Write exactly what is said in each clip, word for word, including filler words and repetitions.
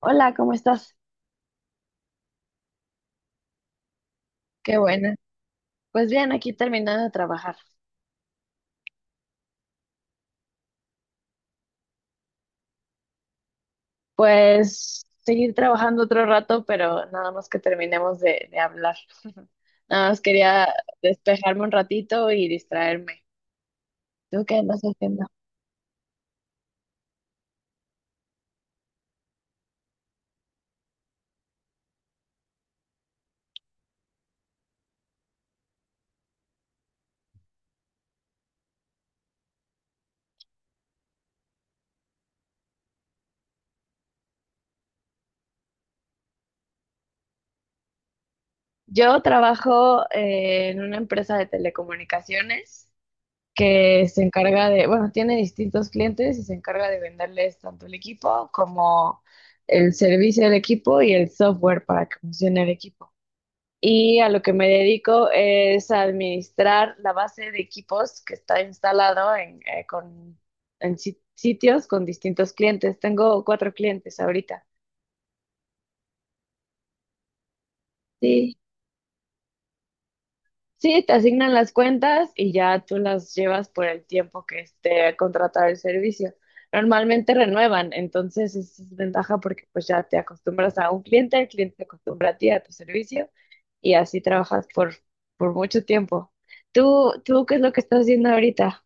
Hola, ¿cómo estás? Qué buena. Pues bien, aquí terminando de trabajar. Pues seguir trabajando otro rato, pero nada más que terminemos de, de hablar. Nada más quería despejarme un ratito y distraerme. ¿Tú qué andas haciendo? Yo trabajo eh, en una empresa de telecomunicaciones que se encarga de, bueno, tiene distintos clientes y se encarga de venderles tanto el equipo como el servicio del equipo y el software para que funcione el equipo. Y a lo que me dedico es a administrar la base de equipos que está instalado en, eh, con, en si- sitios con distintos clientes. Tengo cuatro clientes ahorita. Sí, sí, te asignan las cuentas y ya tú las llevas por el tiempo que esté contratado el servicio. Normalmente renuevan, entonces esa es ventaja porque pues ya te acostumbras a un cliente, el cliente se acostumbra a ti, a tu servicio y así trabajas por, por mucho tiempo. ¿Tú, tú qué es lo que estás haciendo ahorita?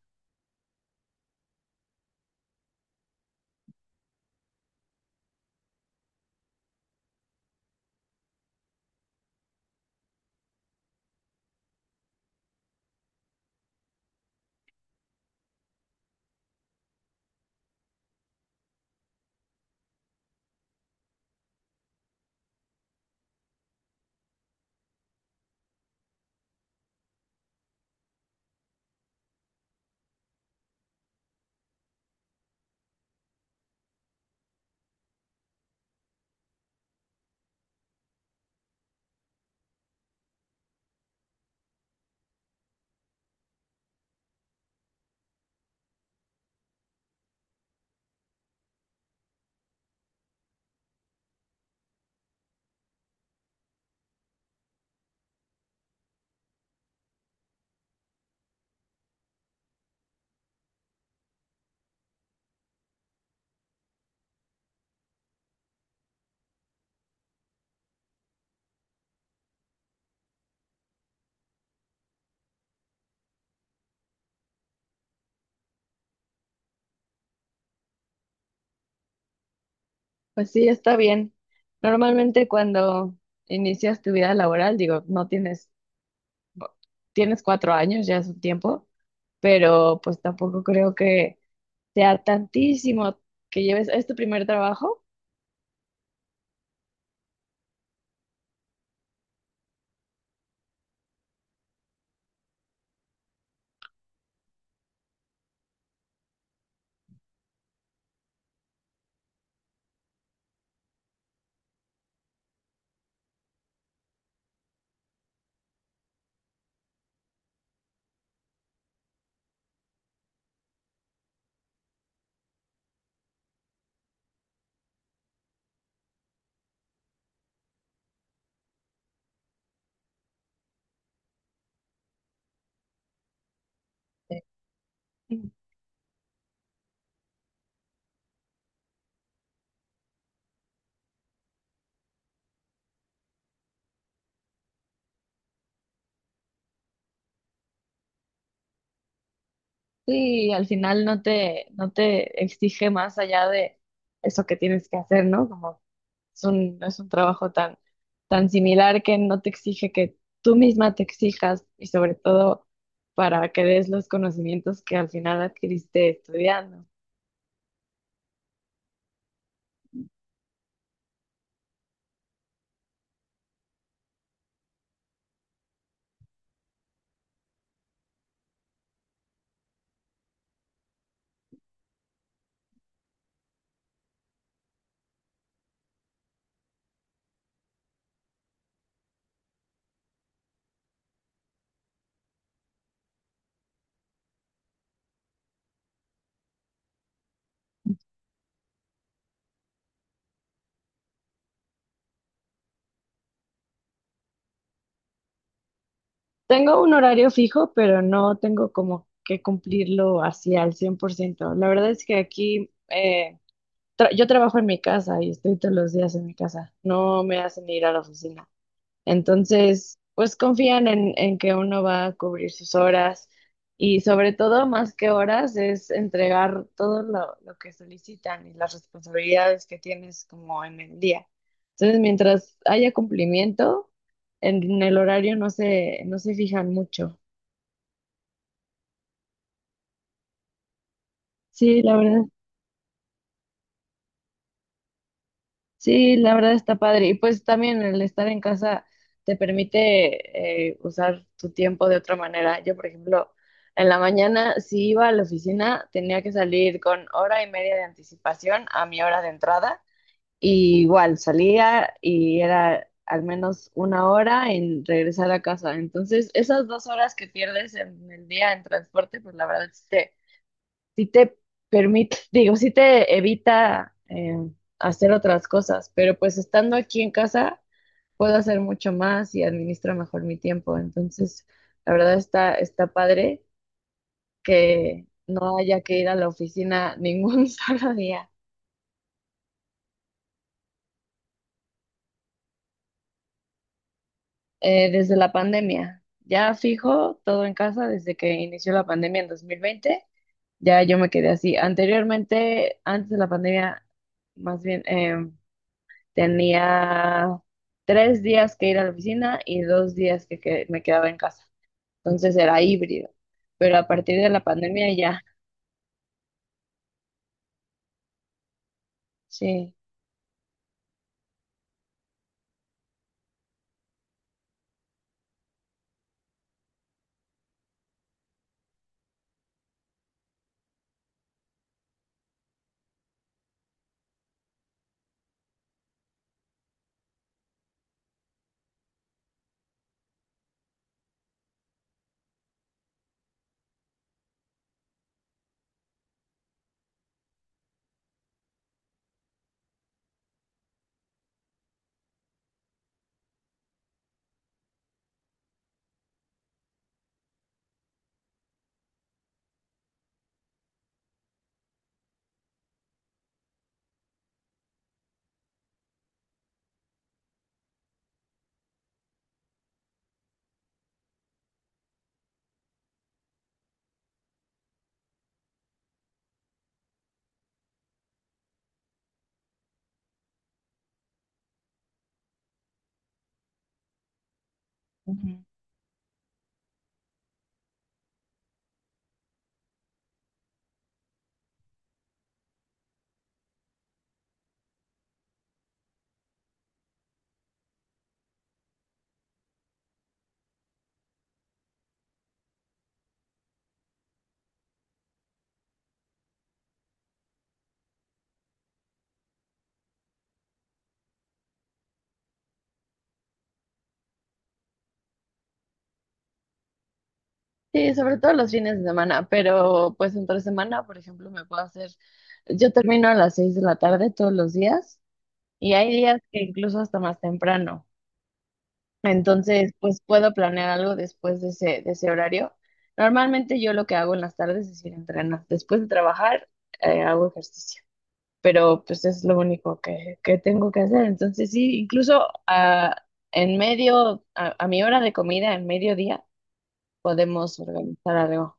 Pues sí, está bien. Normalmente cuando inicias tu vida laboral, digo, no tienes, bo- tienes cuatro años, ya es un tiempo, pero pues tampoco creo que sea tantísimo que lleves, es tu primer trabajo. Sí, sí, al final no te, no te exige más allá de eso que tienes que hacer, ¿no? es un, no es un trabajo tan, tan similar que no te exige que tú misma te exijas y sobre todo para que des los conocimientos que al final adquiriste estudiando. Tengo un horario fijo, pero no tengo como que cumplirlo así al cien por ciento. La verdad es que aquí eh, tra- yo trabajo en mi casa y estoy todos los días en mi casa. No me hacen ir a la oficina. Entonces, pues confían en, en que uno va a cubrir sus horas y sobre todo, más que horas, es entregar todo lo, lo que solicitan y las responsabilidades que tienes como en el día. Entonces, mientras haya cumplimiento, en, el horario no se, no se fijan mucho. Sí, la verdad. Sí, la verdad está padre. Y pues también el estar en casa te permite eh, usar tu tiempo de otra manera. Yo, por ejemplo, en la mañana, si iba a la oficina, tenía que salir con hora y media de anticipación a mi hora de entrada. Y igual salía y era al menos una hora en regresar a casa. Entonces, esas dos horas que pierdes en el día en transporte, pues la verdad sí te permite, digo, sí te evita eh, hacer otras cosas, pero pues estando aquí en casa puedo hacer mucho más y administro mejor mi tiempo. Entonces, la verdad está, está padre que no haya que ir a la oficina ningún solo día. Eh, desde la pandemia. Ya fijo todo en casa desde que inició la pandemia en dos mil veinte. Ya yo me quedé así. Anteriormente, antes de la pandemia, más bien, eh, tenía tres días que ir a la oficina y dos días que, que- me quedaba en casa. Entonces era híbrido. Pero a partir de la pandemia ya, sí. Ujú. Sí, sobre todo los fines de semana, pero pues entre semana, por ejemplo, me puedo hacer, yo termino a las seis de la tarde todos los días y hay días que incluso hasta más temprano. Entonces, pues puedo planear algo después de ese, de ese horario. Normalmente yo lo que hago en las tardes es ir a entrenar. Después de trabajar, eh, hago ejercicio. Pero pues es lo único que, que tengo que hacer. Entonces sí, incluso ah, en medio, a, a mi hora de comida, en mediodía, podemos organizar algo.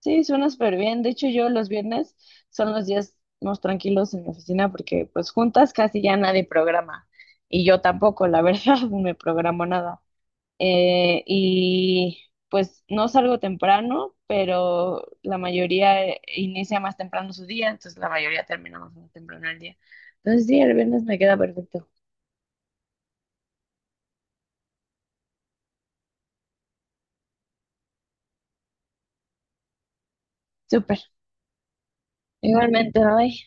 Sí, suena súper bien. De hecho, yo los viernes son los días más tranquilos en la oficina porque pues juntas casi ya nadie programa y yo tampoco, la verdad, no me programo nada. eh, y pues no salgo temprano, pero la mayoría eh, inicia más temprano su día, entonces la mayoría terminamos más temprano el día. Entonces sí, el viernes me queda perfecto. Súper. Igualmente, bye.